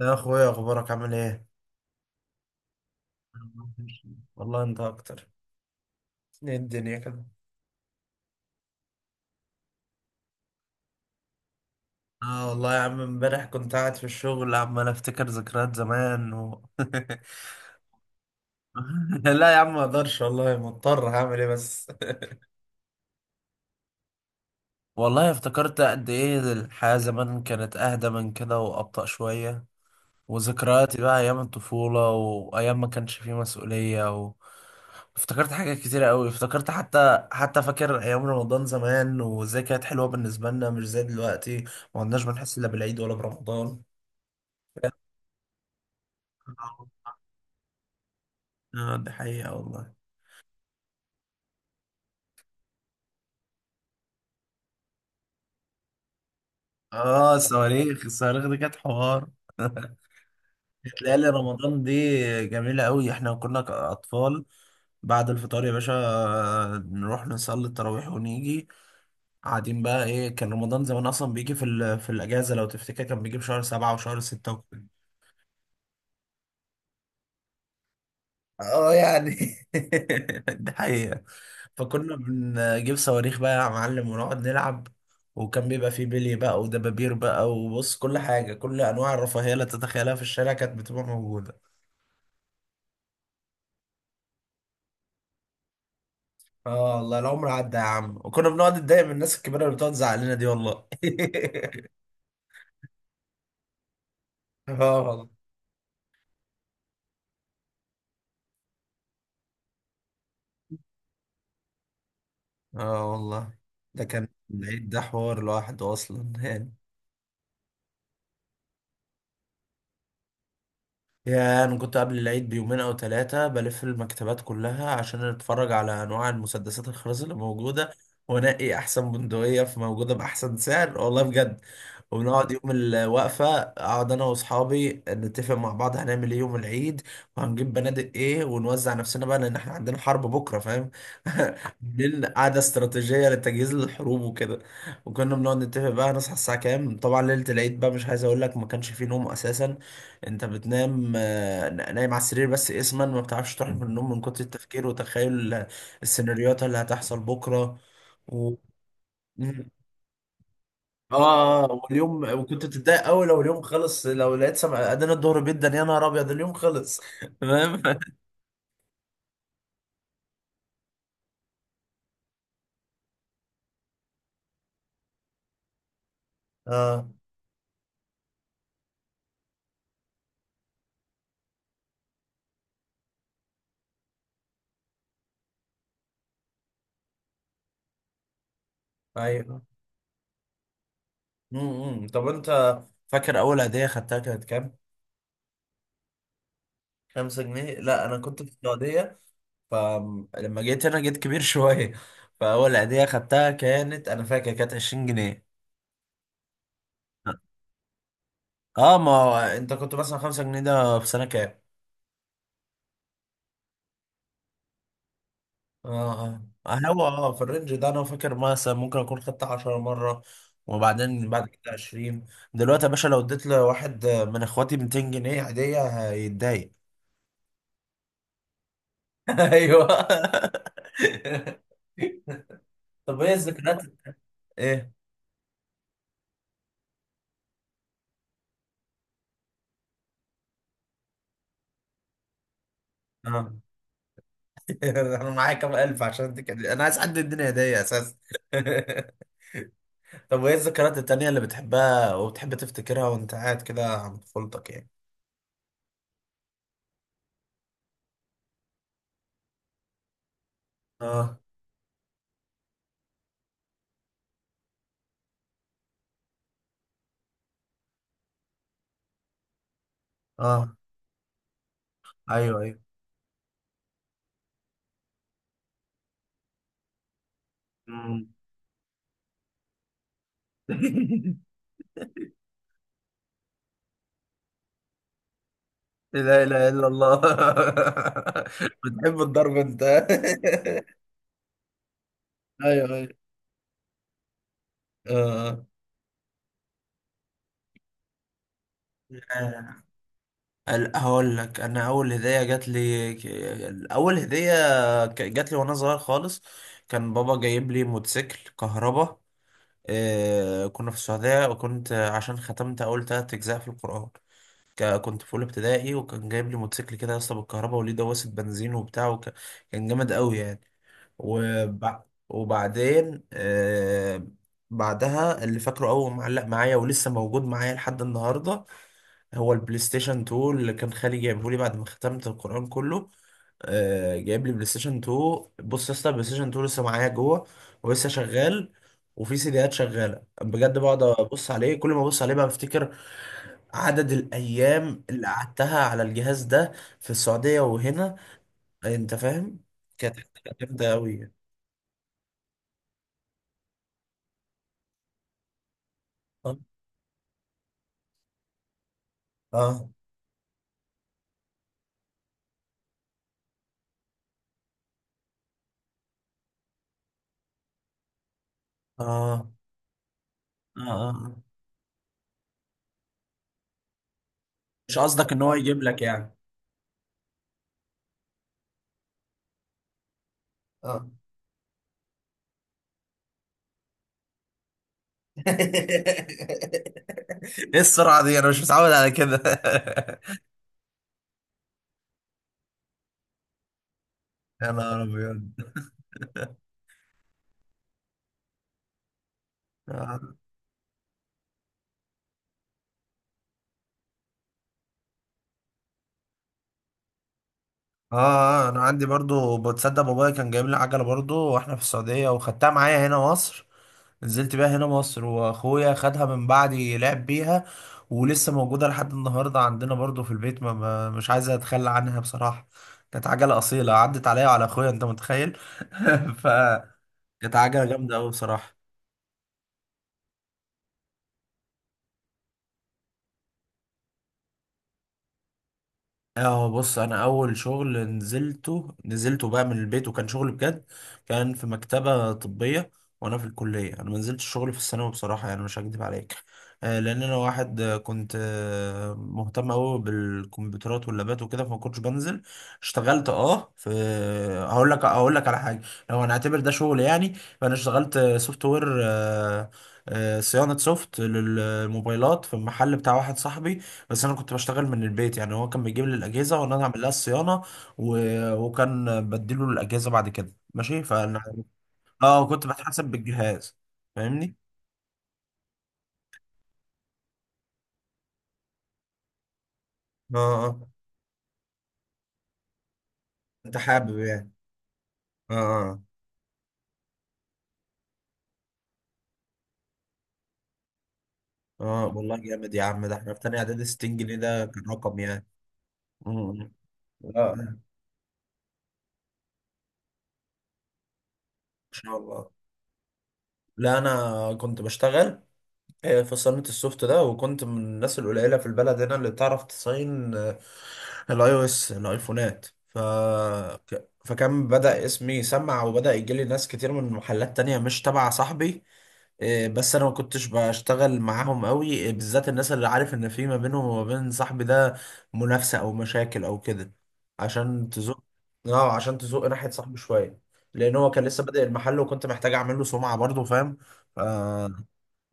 يا اخويا، اخبارك عامل ايه؟ والله انت اكتر. ايه الدنيا كده؟ اه والله يا عم، امبارح كنت قاعد في الشغل عمال افتكر ذكريات زمان لا يا عم ما اقدرش والله، مضطر هعمل ايه بس. والله افتكرت قد ايه الحياة زمان كانت اهدى من كده وابطأ شوية. وذكرياتي بقى ايام الطفولة وايام ما كانش فيه مسؤولية. افتكرت حاجات كتيرة قوي، افتكرت حتى فاكر ايام رمضان زمان وازاي كانت حلوة بالنسبة لنا مش زي دلوقتي. ما كناش بنحس الا بالعيد ولا برمضان. اه دي حقيقة والله. اه الصواريخ، الصواريخ دي كانت حوار. ليالي رمضان دي جميلة قوي، احنا كنا اطفال. بعد الفطار يا باشا، نروح نصلي التراويح ونيجي قاعدين بقى. ايه، كان رمضان زمان اصلا بيجي في الاجازة، لو تفتكر كان بيجي في شهر سبعة وشهر ستة. اه يعني. ده حقيقة. فكنا بنجيب صواريخ بقى يا معلم ونقعد نلعب. وكان بيبقى فيه بلي بقى ودبابير بقى، وبص، كل حاجة، كل أنواع الرفاهية اللي تتخيلها في الشارع كانت بتبقى موجودة. اه والله العمر عدى يا عم، وكنا بنقعد نتضايق من الناس الكبيرة اللي بتقعد تزعق لنا دي والله. اه والله. اه والله ده كان. العيد ده حوار لوحده أصلا يعني. يا انا كنت قبل العيد بيومين او ثلاثه بلف المكتبات كلها عشان اتفرج على انواع المسدسات الخرز اللي موجوده. وانقي احسن بندقيه في موجوده باحسن سعر، والله بجد. وبنقعد يوم الوقفه اقعد انا واصحابي نتفق مع بعض هنعمل ايه يوم العيد وهنجيب بنادق ايه، ونوزع نفسنا بقى، لان احنا عندنا حرب بكره، فاهم. بالليل قعده استراتيجيه للتجهيز للحروب وكده. وكنا بنقعد نتفق بقى هنصحى الساعه كام. طبعا ليله العيد بقى مش عايز اقول لك، ما كانش فيه نوم اساسا. انت بتنام، نايم على السرير بس اسما، ما بتعرفش تروح من النوم من كتر التفكير وتخيل السيناريوهات اللي هتحصل بكره و... مم. اه. واليوم، وكنت بتتضايق قوي لو اليوم خلص، لو لقيت سمع ادينا الظهر، جدا يا نهار ابيض، اليوم خلص تمام. اه. ايوه. طب انت فاكر اول هديه خدتها كانت كام؟ خمسة جنيه. لا انا كنت في السعوديه، فلما جيت هنا جيت كبير شويه. فاول هديه خدتها كانت، انا فاكر كانت 20 جنيه. اه ما هو انت كنت مثلا خمسة جنيه ده في سنة كام؟ اه اه، هو في الرينج ده انا فاكر مثلا ممكن اكون خدت 10 مرة وبعدين بعد كده 20. دلوقتي يا باشا لو اديت لواحد من اخواتي 200 جنيه عادية هيتضايق. ايوه. طب ايه الذكريات؟ ايه؟ اه. انا معايا كام الف عشان اديك هدية. انا عايز حد يديني هدية اساسا. طب وايه الذكريات التانية اللي بتحبها وبتحب تفتكرها وانت قاعد كده عند طفولتك يعني؟ اه اه. ايوه ايوه. مم. لا اله الا الله. بتحب الضرب انت؟ ايوه ايوه. آه. هقول لك، انا اول هديه جات لي اول هديه جات لي وانا صغير خالص، كان بابا جايب لي موتوسيكل كهربا. كنا في السعوديه، وكنت عشان ختمت اول ثلاث اجزاء في القران كنت في اولى ابتدائي، وكان جايب لي موتوسيكل كده يا اسطى بالكهرباء وليه دواسه بنزين وبتاع، وكان جامد قوي يعني. وبع... وبعدين. بعدها اللي فاكره أول معلق معايا ولسه موجود معايا لحد النهاردة هو البلاي ستيشن 2 اللي كان خالي جايبه لي بعد ما ختمت القرآن كله. آه جايب لي بلاي ستيشن 2. بص يا اسطى، البلاي ستيشن 2 لسه معايا جوه، ولسه شغال، وفي سيديات شغالة بجد. بقعد أبص عليه، كل ما أبص عليه بقى بفتكر عدد الأيام اللي قعدتها على الجهاز ده في السعودية وهنا. أنت فاهم؟ كانت حاجة جامدة أوي. اه اه اه اه. اه مش قصدك ان هو يجيب لك يعني. اه. ايه السرعة دي، انا مش متعود على كده. يا نهار ابيض. آه. اه، انا عندي برضو، بتصدق بابايا كان جايب لي عجله برضو واحنا في السعوديه، وخدتها معايا هنا مصر. نزلت بيها هنا مصر واخويا خدها من بعدي لعب بيها، ولسه موجوده لحد النهارده عندنا برضو في البيت. مش عايز اتخلى عنها بصراحه، كانت عجله اصيله عدت عليا وعلى اخويا، انت متخيل. ف كانت عجله جامده قوي بصراحه. اه بص، انا اول شغل نزلته بقى من البيت وكان شغل بجد، كان في مكتبة طبية وانا في الكلية. انا ما نزلتش شغل في الثانوي بصراحة يعني، مش هكدب عليك. لان انا واحد كنت مهتم قوي بالكمبيوترات واللابات وكده، فما كنتش بنزل. اشتغلت اه في هقول لك على حاجة، لو هنعتبر ده شغل يعني. فانا اشتغلت سوفت وير، صيانة سوفت للموبايلات في المحل بتاع واحد صاحبي. بس انا كنت بشتغل من البيت، يعني هو كان بيجيب لي الاجهزه وانا اعمل لها الصيانه و... وكان بديله الاجهزه بعد كده، ماشي. فانا اه كنت بتحاسب بالجهاز، فاهمني. اه اه. انت حابب يعني. اه اه اه والله جامد يا عم، ده احنا في تانية اعدادي 60 جنيه ده كان رقم يعني. مم. اه ان شاء الله. لا انا كنت بشتغل في صالونة السوفت ده، وكنت من الناس القليلة في البلد هنا اللي بتعرف تصين الاي او اس، الايفونات فكان بدأ اسمي يسمع، وبدأ يجيلي ناس كتير من محلات تانية مش تبع صاحبي. بس انا ما كنتش بشتغل معاهم قوي، بالذات الناس اللي عارف ان في ما بينهم وما بين صاحبي ده منافسة او مشاكل او كده. عشان تزق. اه عشان تزق ناحية صاحبي شوية، لان هو كان لسه بادئ المحل، وكنت محتاج اعمل له سمعة برضه، فاهم. اه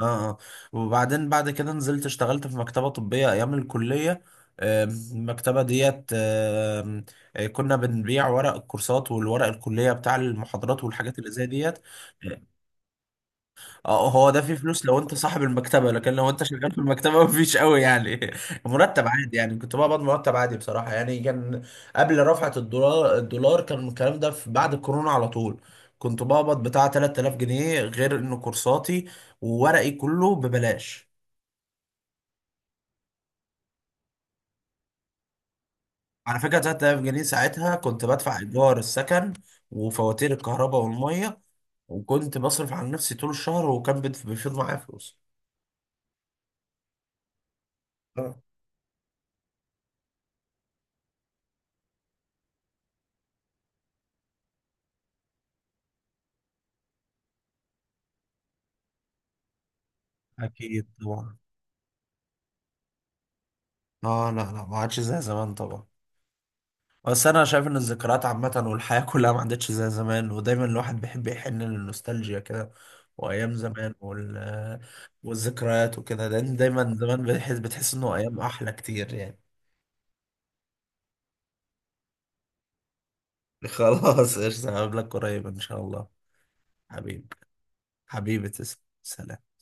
اه. وبعدين بعد كده نزلت اشتغلت في مكتبة طبية ايام الكلية. المكتبة ديت، كنا بنبيع ورق الكورسات والورق الكلية بتاع المحاضرات والحاجات اللي زي ديت. اه. هو ده فيه فلوس لو انت صاحب المكتبة، لكن لو انت شغال في المكتبة مفيش قوي يعني. مرتب عادي يعني، كنت بقبض مرتب عادي بصراحة، يعني كان قبل رفعة الدولار. الدولار كان الكلام ده في بعد الكورونا على طول. كنت بقبض بتاع 3000 جنيه، غير ان كورساتي وورقي كله ببلاش. على فكرة 3000 جنيه ساعتها كنت بدفع إيجار السكن وفواتير الكهرباء والمية، وكنت بصرف على نفسي طول الشهر، وكان بيفيض معايا فلوس. آه، أكيد طبعا. آه لا لا ما عادش زي زمان طبعا. بس أنا شايف إن الذكريات عامة والحياة كلها ما عادتش زي زمان، ودايما الواحد بيحب يحن للنوستالجيا كده، وأيام زمان والذكريات وكده، لأن دايما زمان بتحس إنه أيام أحلى كتير يعني. خلاص قشطة، هقابلك قريب إن شاء الله. حبيبي. حبيبي تسلم، سلام.